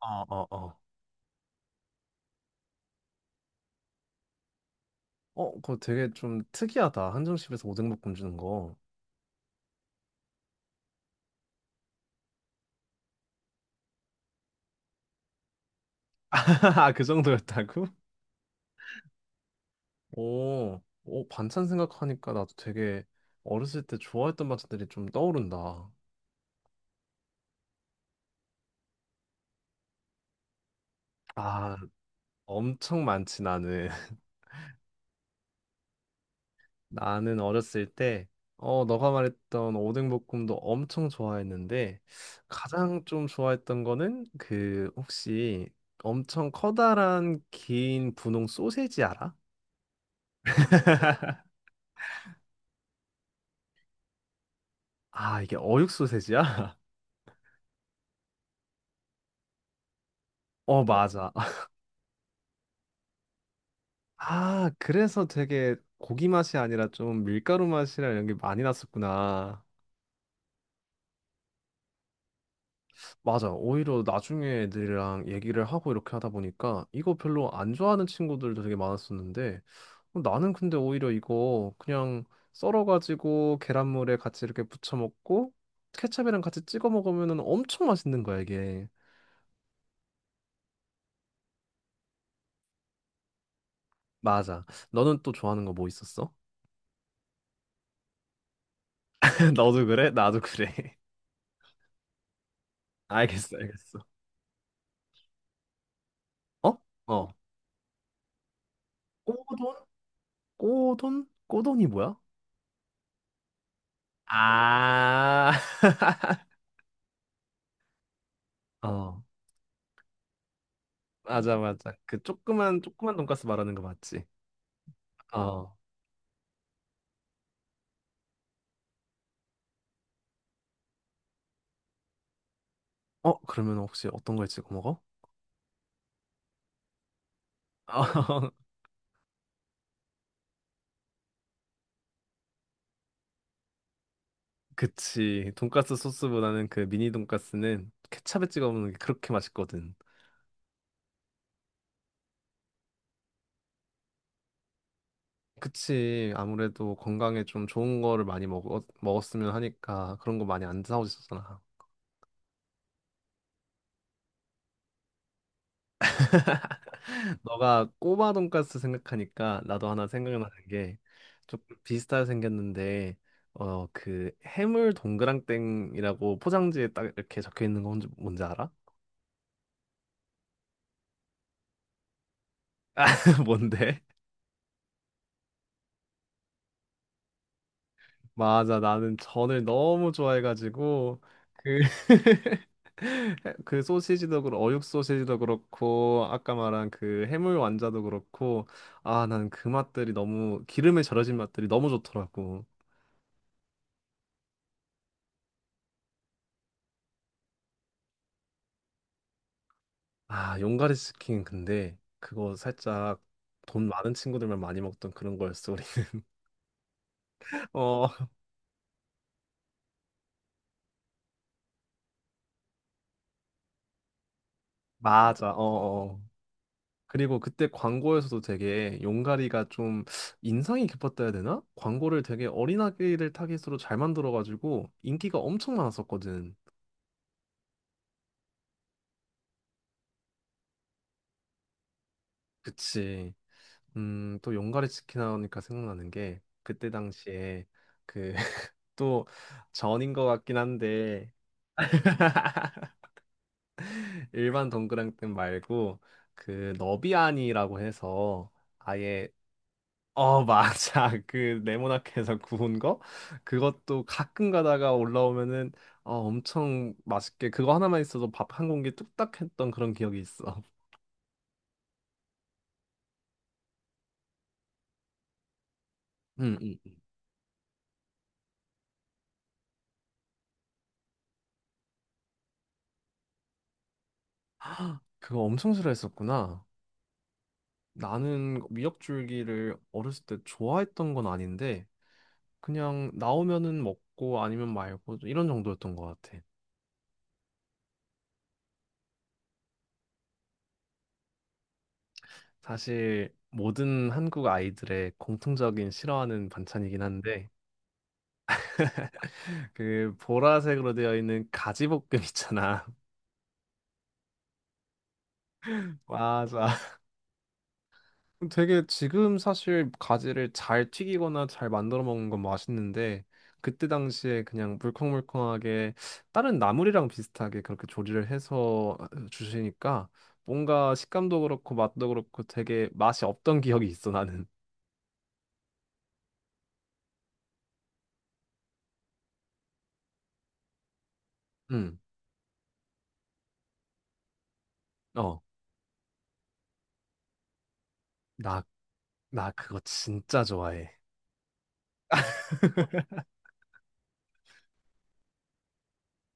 어, 어, 어. 어, 그거 되게 좀 특이하다. 한정식에서 오뎅볶음 주는 거. 아, 그 정도였다고? 오, 오, 반찬 생각하니까 나도 되게 어렸을 때 좋아했던 반찬들이 좀 떠오른다. 아, 엄청 많지, 나는. 나는 어렸을 때, 너가 말했던 오뎅볶음도 엄청 좋아했는데, 가장 좀 좋아했던 거는 그, 혹시 엄청 커다란 긴 분홍 소세지 알아? 아, 이게 어육 소세지야? 어, 어, 맞아. 아, 그래서 되게 고기 맛이 아니라 좀 밀가루 맛이랑 이런 게 많이 났었구나. 맞아. 오히려 나중에 애들이랑 얘기를 하고 이렇게 하다 보니까 이거 별로 안 좋아하는 친구들도 되게 많았었는데 어, 나는 근데 오히려 이거 그냥 썰어가지고 계란물에 같이 이렇게 부쳐 먹고 케첩이랑 같이 찍어 먹으면 엄청 맛있는 거야, 이게. 맞아. 너는 또 좋아하는 거 뭐 있었어? 너도 그래? 나도 그래. 알겠어, 알겠어. 어? 어. 꼬돈? 꼬돈? 꼬돈이 뭐야? 아, 어, 맞아, 맞아. 그 조그만, 조그만 돈가스 말하는 거 맞지? 어, 어, 그러면 혹시 어떤 걸 찍어 먹어? 어, 그치. 돈가스 소스보다는 그 미니 돈가스는 케찹에 찍어 먹는 게 그렇게 맛있거든. 그치. 아무래도 건강에 좀 좋은 거를 많이 먹었으면 하니까 그런 거 많이 안 사오셨잖아. 너가 꼬마 돈까스 생각하니까 나도 하나 생각나는 게 조금 비슷하게 생겼는데 어 그 해물 동그랑땡이라고 포장지에 딱 이렇게 적혀 있는 건 뭔지 알아? 아, 뭔데? 맞아 나는 전을 너무 좋아해가지고 그 그 소시지도 그렇고 어육 소시지도 그렇고 아까 말한 그 해물 완자도 그렇고 아 난 그 맛들이 너무 기름에 절여진 맛들이 너무 좋더라고. 아, 용가리 치킨 근데 그거 살짝 돈 많은 친구들만 많이 먹던 그런 거였어, 우리는. 어, 맞아. 어, 어. 어. 그리고 그때 광고에서도 되게 용가리가 좀 인상이 깊었다 해야 되나? 광고를 되게 어린아이를 타깃으로 잘 만들어가지고 인기가 엄청 많았었거든. 그치. 또 용가리 치킨 하니까 생각나는 게 그때 당시에 그 또 전인 것 같긴 한데 일반 동그랑땡 말고 그 너비아니라고 해서 아예 어 맞아 그 네모나게에서 구운 거 그것도 가끔 가다가 올라오면은 어 엄청 맛있게 그거 하나만 있어도 밥 한 공기 뚝딱 했던 그런 기억이 있어. 응, 응. 그거 엄청 싫어했었구나. 나는 미역줄기를 어렸을 때 좋아했던 건 아닌데 그냥 나오면은 먹고 아니면 말고 이런 정도였던 것 같아. 사실 모든 한국 아이들의 공통적인 싫어하는 반찬이긴 한데 그 보라색으로 되어 있는 가지볶음 있잖아. 맞아. 되게 지금 사실 가지를 잘 튀기거나 잘 만들어 먹는 건 맛있는데 그때 당시에 그냥 물컹물컹하게 다른 나물이랑 비슷하게 그렇게 조리를 해서 주시니까 뭔가 식감도 그렇고 맛도 그렇고 되게 맛이 없던 기억이 있어 나는. 응. 어. 나 나 그거 진짜 좋아해.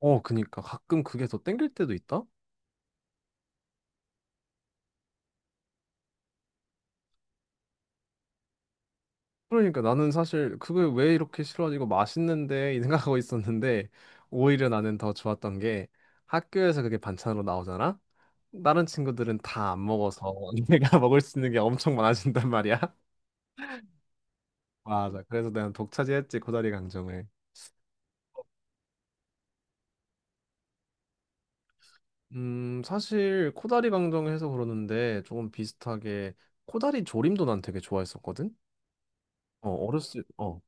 어, 그니까 가끔 그게 더 땡길 때도 있다? 그러니까 나는 사실 그게 왜 이렇게 싫어하지? 이거 맛있는데 이 생각하고 있었는데 오히려 나는 더 좋았던 게 학교에서 그게 반찬으로 나오잖아? 다른 친구들은 다 안 먹어서 내가 먹을 수 있는 게 엄청 많아진단 말이야. 맞아. 그래서 내가 독차지했지 코다리 강정을. 사실 코다리 강정해서 그러는데 조금 비슷하게 코다리 조림도 난 되게 좋아했었거든. 어, 어렸을 어.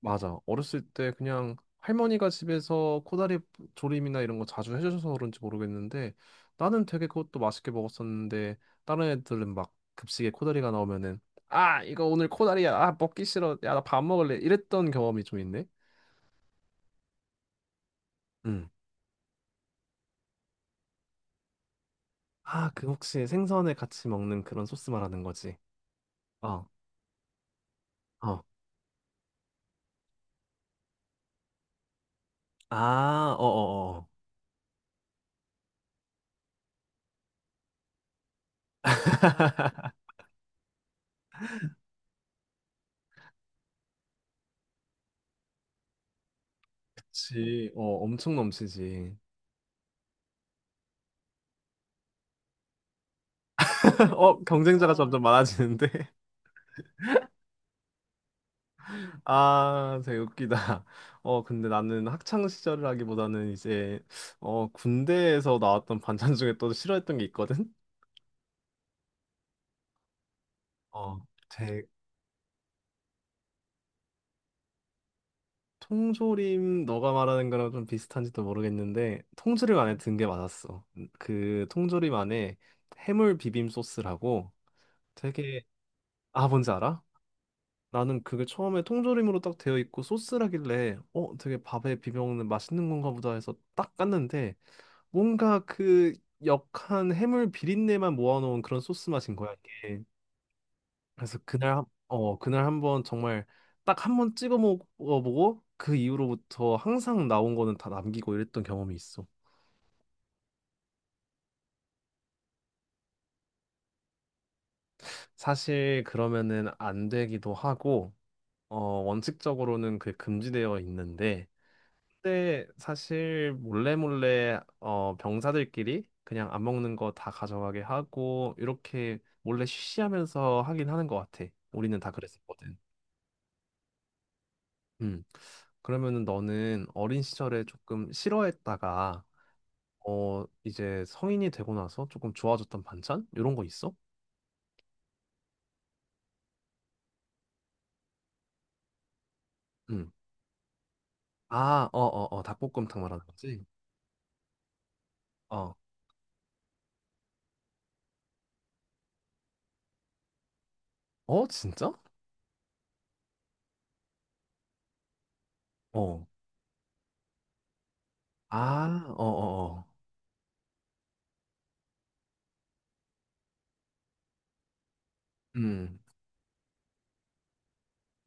맞아. 어렸을 때 그냥 할머니가 집에서 코다리 조림이나 이런 거 자주 해주셔서 그런지 모르겠는데 나는 되게 그것도 맛있게 먹었었는데 다른 애들은 막 급식에 코다리가 나오면은 아 이거 오늘 코다리야 아 먹기 싫어 야 나 밥 먹을래 이랬던 경험이 좀 있네. 응. 아 그 혹시 생선에 같이 먹는 그런 소스 말하는 거지? 어, 어. 아, 어어어. 그치. 어 엄청 넘치지. 어 경쟁자가 점점 많아지는데. 아, 되게 웃기다. 어, 근데 나는 학창 시절을 하기보다는 이제 어, 군대에서 나왔던 반찬 중에 또 싫어했던 게 있거든. 어, 제, 통조림 너가 말하는 거랑 좀 비슷한지도 모르겠는데 통조림 안에 든 게 맞았어. 그 통조림 안에 해물 비빔 소스라고 되게 아 뭔지 알아? 나는 그게 처음에 통조림으로 딱 되어 있고 소스라길래 어 되게 밥에 비벼 먹는 맛있는 건가 보다 해서 딱 깠는데 뭔가 그 역한 해물 비린내만 모아놓은 그런 소스 맛인 거야, 이게. 그래서 그날 한번 정말 딱 한번 찍어 먹어보고 그 이후로부터 항상 나온 거는 다 남기고 이랬던 경험이 있어. 사실 그러면은 안 되기도 하고, 어, 원칙적으로는 그게 금지되어 있는데, 그때 사실 몰래 몰래 어 병사들끼리 그냥 안 먹는 거 다 가져가게 하고 이렇게 몰래 쉬쉬하면서 하긴 하는 것 같아. 우리는 다 그랬었거든. 음. 그러면은 너는 어린 시절에 조금 싫어했다가 어 이제 성인이 되고 나서 조금 좋아졌던 반찬 이런 거 있어? 음. 아, 어, 어, 어, 닭볶음탕 말하는 거지? 어. 어, 진짜? 어. 아, 어, 어, 어. 음.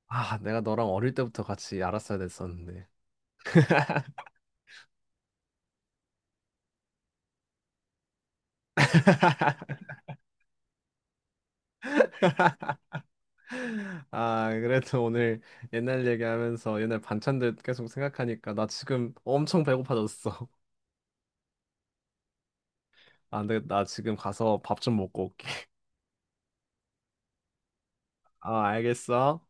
아, 내가 너랑 어릴 때부터 같이 알았어야 됐었는데. 아, 그래도 오늘 옛날 얘기하면서 옛날 반찬들 계속 생각하니까 나 지금 엄청 배고파졌어. 아, 근데 나 지금 가서 밥 좀 먹고 올게. 아, 알겠어.